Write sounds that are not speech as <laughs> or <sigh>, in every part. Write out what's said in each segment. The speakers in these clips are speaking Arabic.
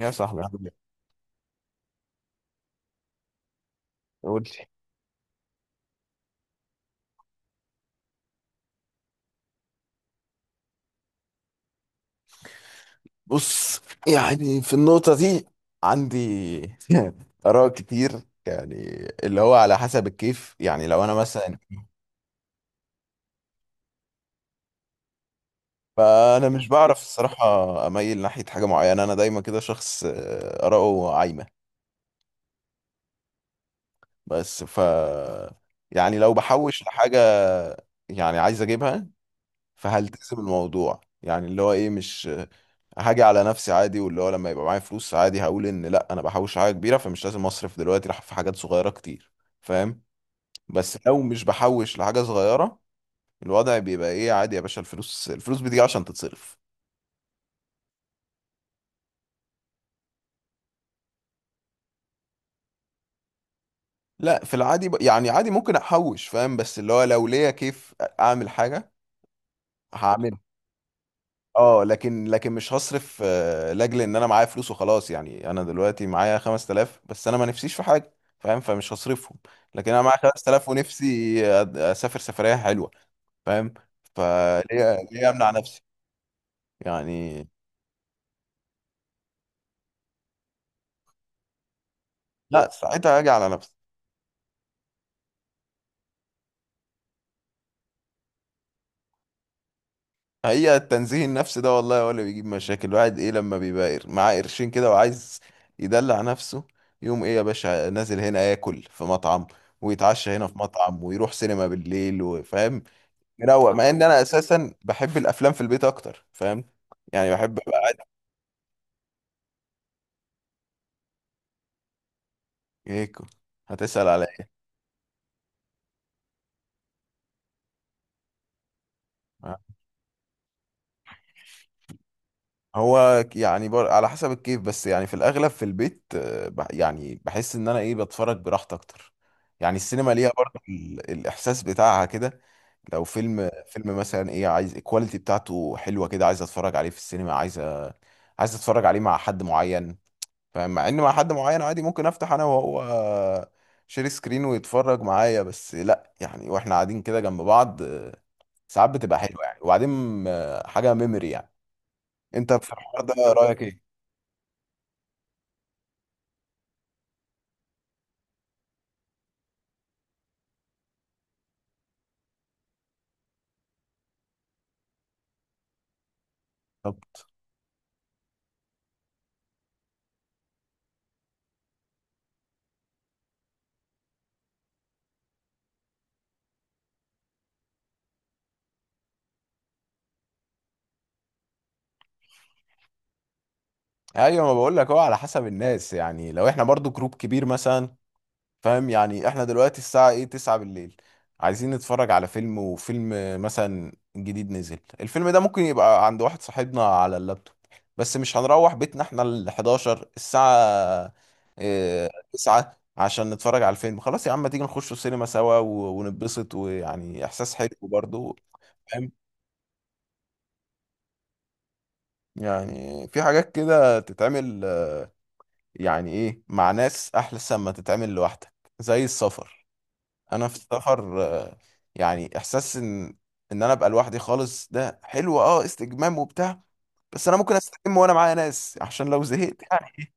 يا صاحبي عامل ايه؟ قول لي. بص، يعني في النقطة دي عندي <laughs> آراء كتير. يعني اللي هو على حسب الكيف. يعني لو أنا مثلا فأنا مش بعرف الصراحة أميل ناحية حاجة معينة. أنا دايما كده شخص آراءه عايمة. بس يعني لو بحوش لحاجة يعني عايز أجيبها، فهلتزم الموضوع. يعني اللي هو ايه، مش هاجي على نفسي عادي. واللي هو لما يبقى معايا فلوس عادي، هقول ان لا انا بحوش حاجه كبيره فمش لازم اصرف دلوقتي راح في حاجات صغيره كتير. فاهم؟ بس لو مش بحوش لحاجه صغيره، الوضع بيبقى ايه، عادي يا باشا، الفلوس الفلوس بتيجي عشان تتصرف. لا في العادي يعني عادي ممكن احوش، فاهم؟ بس اللي هو لو ليا كيف اعمل حاجه هعمل. اه، لكن مش هصرف، لاجل ان انا معايا فلوس وخلاص. يعني انا دلوقتي معايا 5,000 بس انا ما نفسيش في حاجه، فاهم؟ فمش هصرفهم. لكن انا معايا 5,000 ونفسي اسافر سفريه حلوه، فاهم؟ فليه ليه امنع نفسي؟ يعني لا ساعتها هاجي على نفسي. هي التنزيه النفسي ده والله هو اللي بيجيب مشاكل الواحد ايه، لما بيبقى معاه قرشين كده وعايز يدلع نفسه. يوم ايه يا باشا نازل هنا ياكل في مطعم، ويتعشى هنا في مطعم، ويروح سينما بالليل، وفاهم؟ مروق. مع ان انا اساسا بحب الافلام في البيت اكتر، فاهم؟ يعني بحب ابقى ايكو. هتسأل على ايه؟ هو يعني على حسب الكيف، بس يعني في الاغلب في البيت. يعني بحس ان انا ايه، بتفرج براحتي اكتر. يعني السينما ليها برضه الاحساس بتاعها كده. لو فيلم مثلا ايه، عايز الكواليتي بتاعته حلوه كده، عايز اتفرج عليه في السينما، عايز عايز اتفرج عليه مع حد معين. فمع ان مع حد معين عادي، ممكن افتح انا وهو شير سكرين ويتفرج معايا. بس لا يعني واحنا قاعدين كده جنب بعض، ساعات بتبقى حلوه يعني. وبعدين حاجه ميموري يعني. انت في الحوار ده رايك ايه؟ طب، ايوه، ما بقول لك هو على حسب الناس. يعني لو احنا برضو جروب كبير مثلا، فاهم؟ يعني احنا دلوقتي الساعة ايه، 9 بالليل، عايزين نتفرج على فيلم، وفيلم مثلا جديد نزل الفيلم ده، ممكن يبقى عند واحد صاحبنا على اللابتوب. بس مش هنروح بيتنا احنا ال 11 الساعة، اه 9، عشان نتفرج على الفيلم. خلاص يا عم، ما تيجي نخش السينما سوا ونتبسط، ويعني احساس حلو برضه، فاهم؟ يعني في حاجات كده تتعمل، يعني ايه، مع ناس احلى ما تتعمل لوحدك. زي السفر. انا في السفر، يعني احساس ان انا ابقى لوحدي خالص ده حلو، اه، استجمام وبتاع. بس انا ممكن استجم وانا معايا ناس عشان لو زهقت يعني.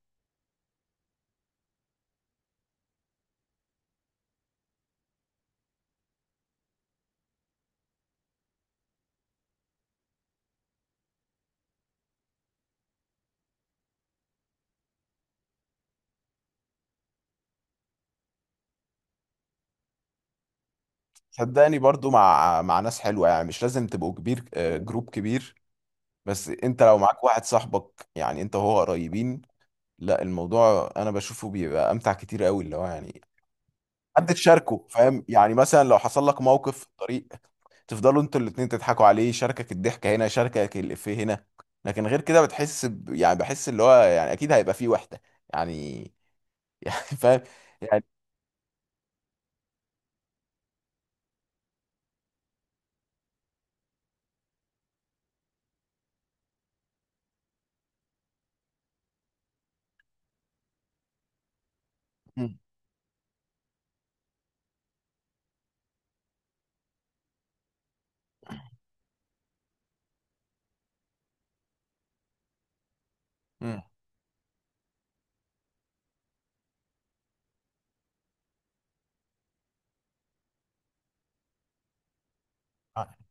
صدقني برضو مع ناس حلوه، يعني مش لازم تبقوا كبير، جروب كبير. بس انت لو معاك واحد صاحبك، يعني انت وهو قريبين. لا الموضوع انا بشوفه بيبقى امتع كتير قوي، اللي هو يعني حد تشاركه، فاهم؟ يعني مثلا لو حصل لك موقف في الطريق، تفضلوا انتوا الاتنين تضحكوا عليه، يشاركك الضحكة هنا، يشاركك الإفيه هنا. لكن غير كده بتحس يعني بحس اللي هو يعني أكيد هيبقى فيه وحدة. يعني <laughs> يعني فاهم؟ يعني. مم. مم.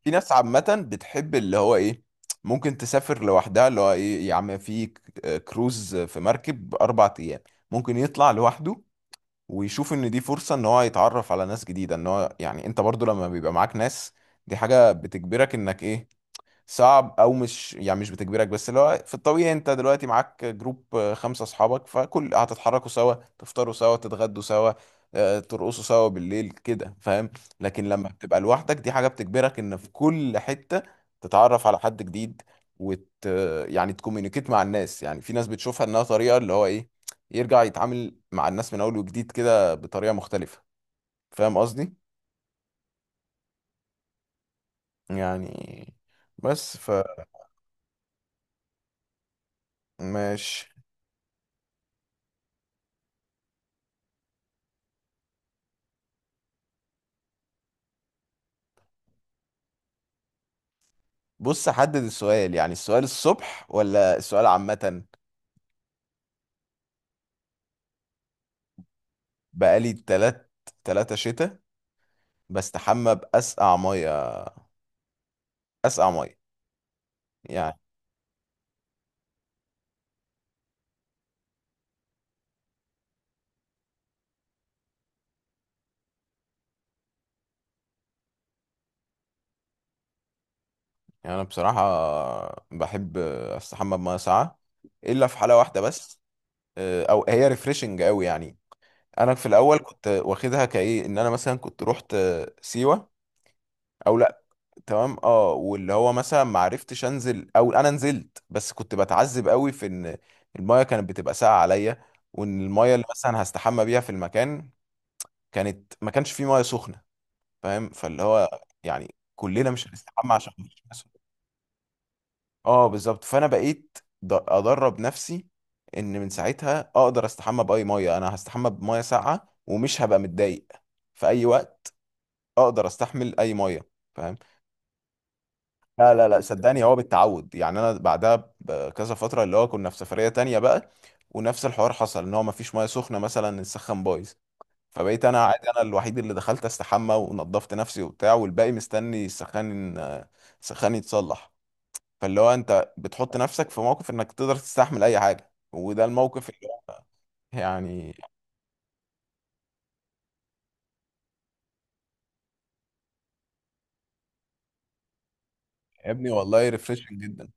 في ناس عامة بتحب اللي هو إيه، ممكن تسافر لوحدها. اللي هو إيه، يا عم في كروز في مركب 4 أيام، ممكن يطلع لوحده، ويشوف إن دي فرصة إن هو يتعرف على ناس جديدة. إن هو يعني أنت برضو لما بيبقى معاك ناس، دي حاجة بتجبرك إنك إيه، صعب او مش، يعني مش بتجبرك، بس اللي هو في الطبيعي انت دلوقتي معاك جروب، 5 اصحابك، فكل هتتحركوا سوا، تفطروا سوا، تتغدوا سوا، ترقصوا سوا بالليل كده، فاهم؟ لكن لما بتبقى لوحدك، دي حاجة بتجبرك ان في كل حتة تتعرف على حد جديد، وت يعني تكومينيكيت مع الناس. يعني في ناس بتشوفها انها طريقة اللي هو ايه، يرجع يتعامل مع الناس من اول وجديد كده بطريقة مختلفة، فاهم قصدي؟ يعني. بس. فماشي. بص، حدد السؤال، يعني السؤال الصبح ولا السؤال عامة؟ بقالي 3 شتاء بستحمى بأسقع مية، أسقع مية يعني. أنا بصراحة بحب أستحمى بمية ساقعة، إلا في حالة واحدة بس. أو هي ريفريشنج أوي يعني. أنا في الأول كنت واخدها كإيه إن أنا مثلا كنت رحت سيوة أو تمام، اه، واللي هو مثلا ما عرفتش انزل او انا نزلت بس كنت بتعذب قوي في ان المايه كانت بتبقى ساقعه عليا، وان المايه اللي مثلا هستحمى بيها في المكان كانت ما كانش فيه مايه سخنه، فاهم؟ فاللي هو يعني كلنا مش هنستحمى عشان مفيش مية سخنة. اه بالظبط. فانا بقيت ادرب نفسي ان من ساعتها اقدر استحمى باي مايه. انا هستحمى بمايه ساقعه ومش هبقى متضايق. في اي وقت اقدر استحمل اي مايه، فاهم؟ لا لا لا، صدقني هو بالتعود. يعني انا بعدها بكذا فتره اللي هو كنا في سفريه تانية بقى، ونفس الحوار حصل ان هو مفيش ميه سخنه، مثلا السخن بايظ. فبقيت انا عادي، انا الوحيد اللي دخلت استحمى ونضفت نفسي وبتاع، والباقي مستني السخان، السخان يتصلح. فاللي هو انت بتحط نفسك في موقف انك تقدر تستحمل اي حاجه، وده الموقف اللي هو يعني. يا ابني والله ريفريشنج جدا.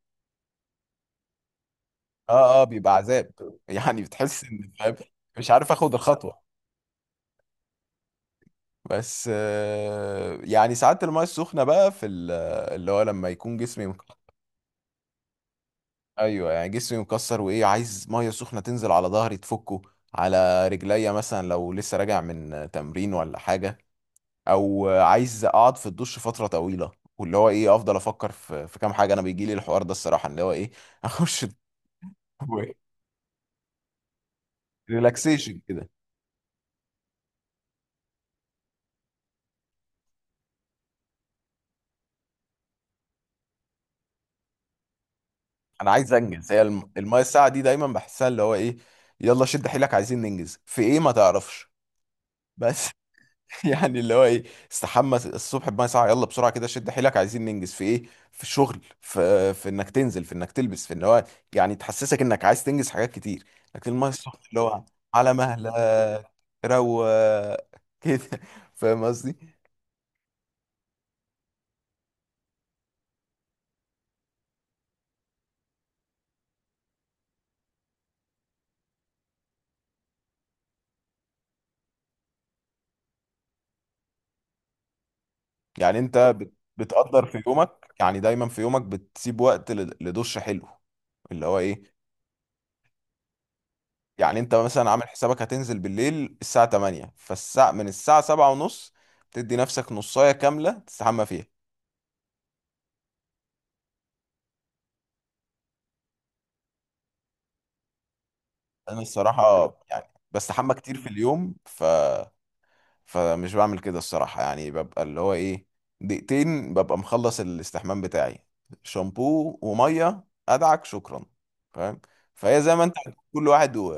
اه اه، بيبقى عذاب <laughs> يعني. بتحس ان، فاهم؟ مش عارف اخد الخطوه. بس يعني ساعات المايه السخنه بقى في اللي هو لما يكون جسمي ايوه يعني جسمي مكسر وايه، عايز ميه سخنه تنزل على ظهري تفكه، على رجليا مثلا لو لسه راجع من تمرين ولا حاجه، او عايز اقعد في الدش فتره طويله. واللي هو ايه، افضل افكر في كام حاجه انا بيجي لي الحوار ده الصراحه، اللي هو ايه، <laughs> اخش ريلاكسيشن كده. انا عايز انجز، هي المايه الساعه دي دايما بحسها اللي هو ايه، يلا شد حيلك، عايزين ننجز في ايه ما تعرفش. بس <laughs> يعني اللي هو ايه، استحمى الصبح بميه ساقعه، يلا بسرعه كده، شد حيلك، عايزين ننجز في ايه، في الشغل، في انك تنزل، في انك تلبس، في ان هو يعني تحسسك انك عايز تنجز حاجات كتير. لكن الميه السخنه اللي هو، على مهلك، روق <laughs> كده، فاهم قصدي؟ يعني انت بتقدر في يومك، يعني دايما في يومك بتسيب وقت لدش حلو. اللي هو ايه، يعني انت مثلا عامل حسابك هتنزل بالليل الساعة 8، من الساعة 7 ونص تدي نفسك نصاية كاملة تستحمى فيها. انا الصراحه يعني بستحمى كتير في اليوم فمش بعمل كده الصراحه. يعني ببقى اللي هو ايه، دقيقتين ببقى مخلص الاستحمام بتاعي، شامبو وميه، ادعك شكرا، فاهم؟ فهي زي ما انت بتقول، كل واحد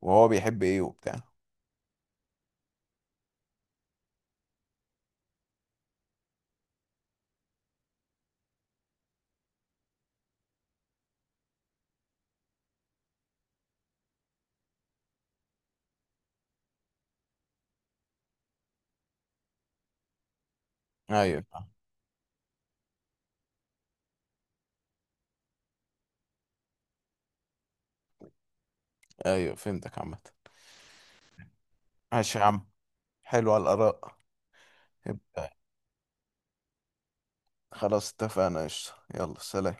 وهو بيحب ايه وبتاع. ايوه ايوه، فهمتك عامه. ماشي يا عم، حلوة الاراء. يبقى خلاص، اتفقنا قشطة. يلا سلام.